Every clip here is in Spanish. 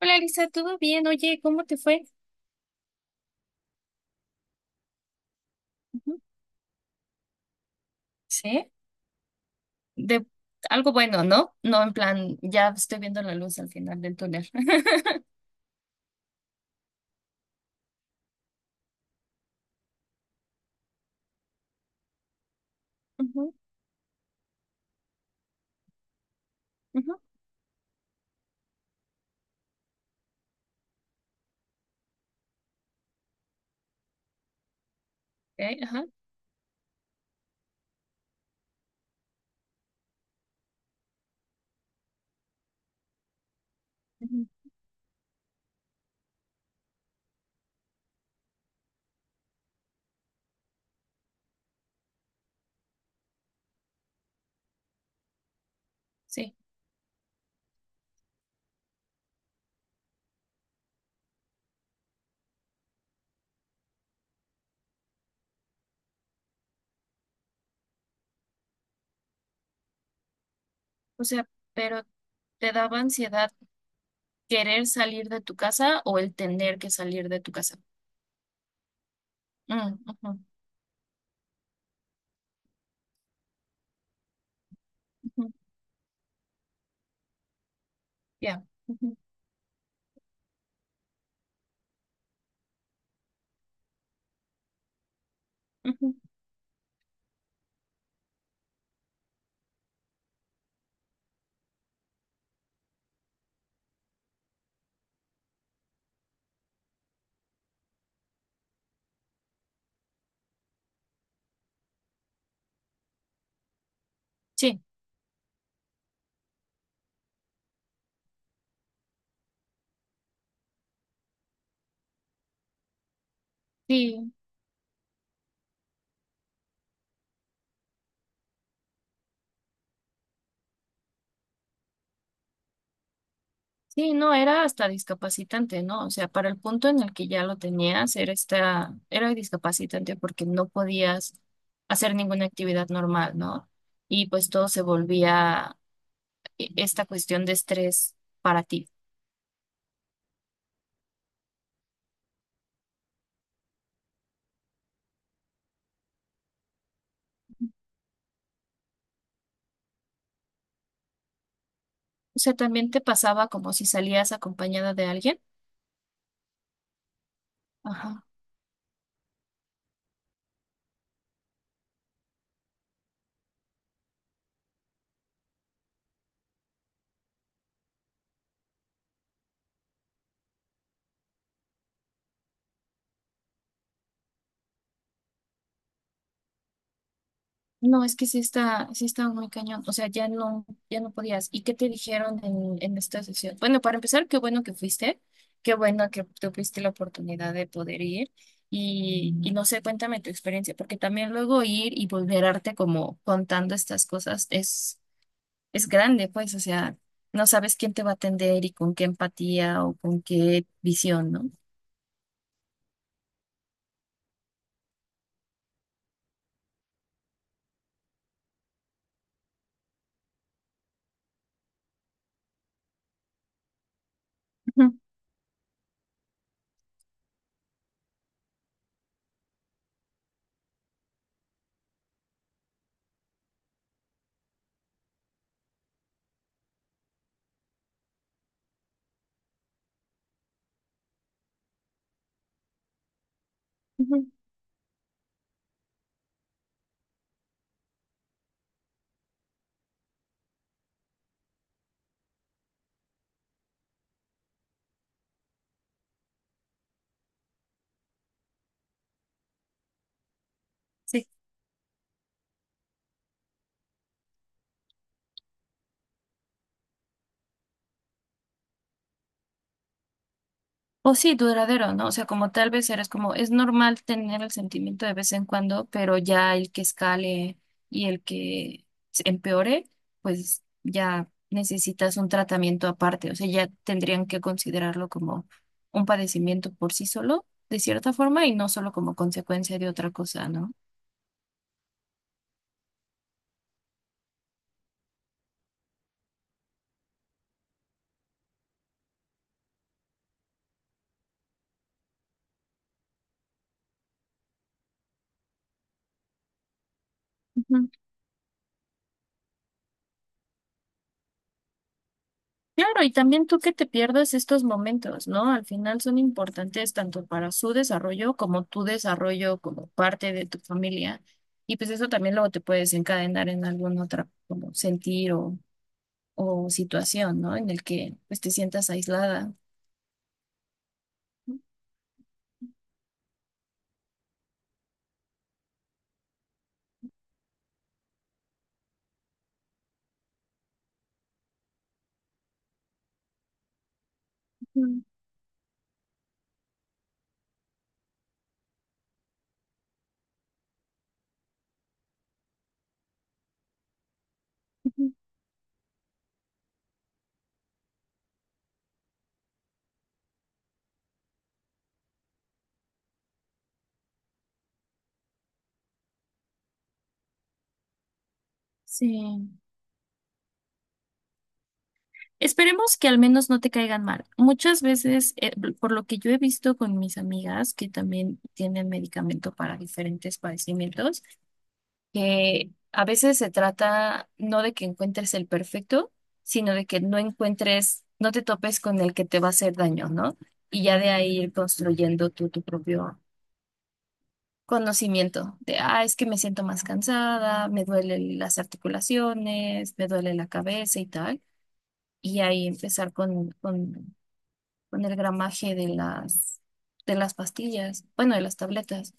Hola, Lisa, ¿todo bien? Oye, ¿cómo te fue? Ujú. ¿Sí? De algo bueno, ¿no? No, en plan, ya estoy viendo la luz al final del túnel. Ujú, ujú, ok, ajá, ujú, sí, o sea, pero ¿te daba ansiedad querer salir de tu casa o el tener que salir de tu casa? Mm, ujú, ujú, ya. Ujú, ujú, sí, sí. Sí, no, era hasta discapacitante, ¿no? O sea, para el punto en el que ya lo tenías, era esta, era discapacitante porque no podías hacer ninguna actividad normal, ¿no? Y pues todo se volvía esta cuestión de estrés para ti. O sea, también te pasaba como si salías acompañada de alguien. Ajá. No, es que sí está, sí estaba muy cañón. O sea, ya no, ya no podías. ¿Y qué te dijeron en esta sesión? Bueno, para empezar, qué bueno que fuiste, qué bueno que tuviste la oportunidad de poder ir. Y no sé, cuéntame tu experiencia, porque también luego ir y vulnerarte como contando estas cosas es grande, pues, o sea, no sabes quién te va a atender y con qué empatía o con qué visión, ¿no? Ujú, ujú. Sí. O sí, duradero, ¿no? O sea, como tal vez eres como, es normal tener el sentimiento de vez en cuando, pero ya el que escale y el que se empeore, pues ya necesitas un tratamiento aparte. O sea, ya tendrían que considerarlo como un padecimiento por sí solo, de cierta forma, y no solo como consecuencia de otra cosa, ¿no? Claro, y también tú que te pierdas estos momentos, ¿no? Al final son importantes tanto para su desarrollo como tu desarrollo como parte de tu familia. Y pues eso también luego te puede desencadenar en algún otra como sentir o situación, ¿no? En el que pues te sientas aislada. Ujú, ujú. Sí. Esperemos que al menos no te caigan mal. Muchas veces, por lo que yo he visto con mis amigas que también tienen medicamento para diferentes padecimientos, que a veces se trata no de que encuentres el perfecto, sino de que no encuentres, no te topes con el que te va a hacer daño, ¿no? Y ya de ahí ir construyendo tú tu propio conocimiento de, ah, es que me siento más cansada, me duelen las articulaciones, me duele la cabeza y tal. Y ahí empezar con el gramaje de las pastillas, bueno, de las tabletas.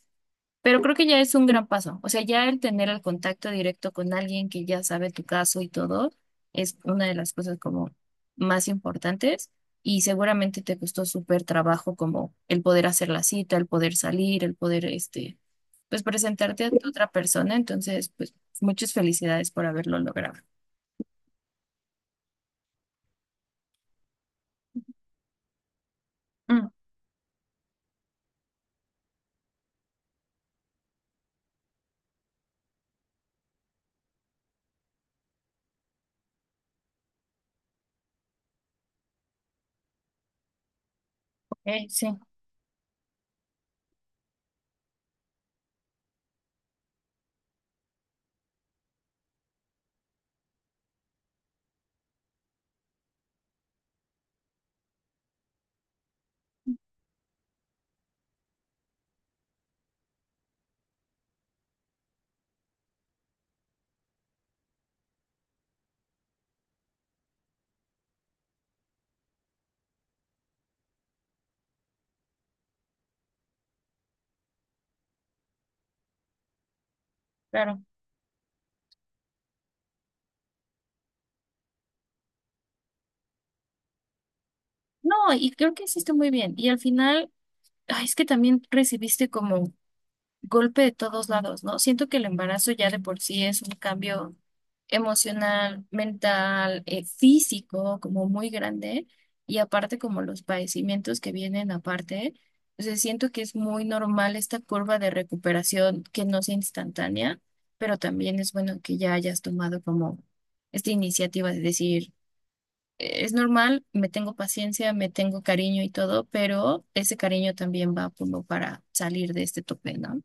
Pero creo que ya es un gran paso. O sea, ya el tener el contacto directo con alguien que ya sabe tu caso y todo es una de las cosas como más importantes y seguramente te costó súper trabajo como el poder hacer la cita, el poder salir, el poder, este, pues presentarte a otra persona. Entonces, pues muchas felicidades por haberlo logrado. Mm, ok, sí, claro. No, y creo que hiciste muy bien. Y al final, ay, es que también recibiste como golpe de todos lados, ¿no? Siento que el embarazo ya de por sí es un cambio emocional, mental, físico, como muy grande, y aparte como los padecimientos que vienen aparte, o sea, siento que es muy normal esta curva de recuperación que no sea instantánea, pero también es bueno que ya hayas tomado como esta iniciativa de decir, es normal, me tengo paciencia, me tengo cariño y todo, pero ese cariño también va como para salir de este tope, ¿no?"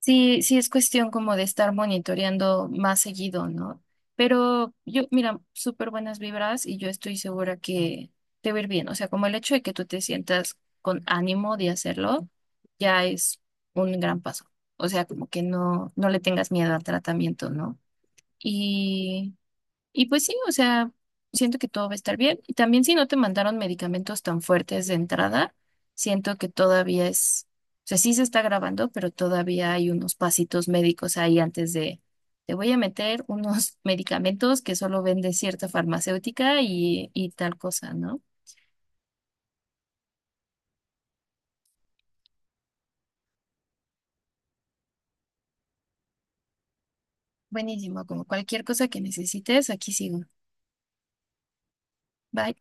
Sí, sí es cuestión como de estar monitoreando más seguido, ¿no? Pero yo, mira, súper buenas vibras y yo estoy segura que te va a ir bien. O sea, como el hecho de que tú te sientas con ánimo de hacerlo, ya es un gran paso. O sea, como que no, no le tengas miedo al tratamiento, ¿no? Y pues sí, o sea, siento que todo va a estar bien. Y también si no te mandaron medicamentos tan fuertes de entrada, siento que todavía es, o sea, sí se está grabando, pero todavía hay unos pasitos médicos ahí antes de, te voy a meter unos medicamentos que solo vende cierta farmacéutica y tal cosa, ¿no? Buenísimo, como cualquier cosa que necesites, aquí sigo. Bye.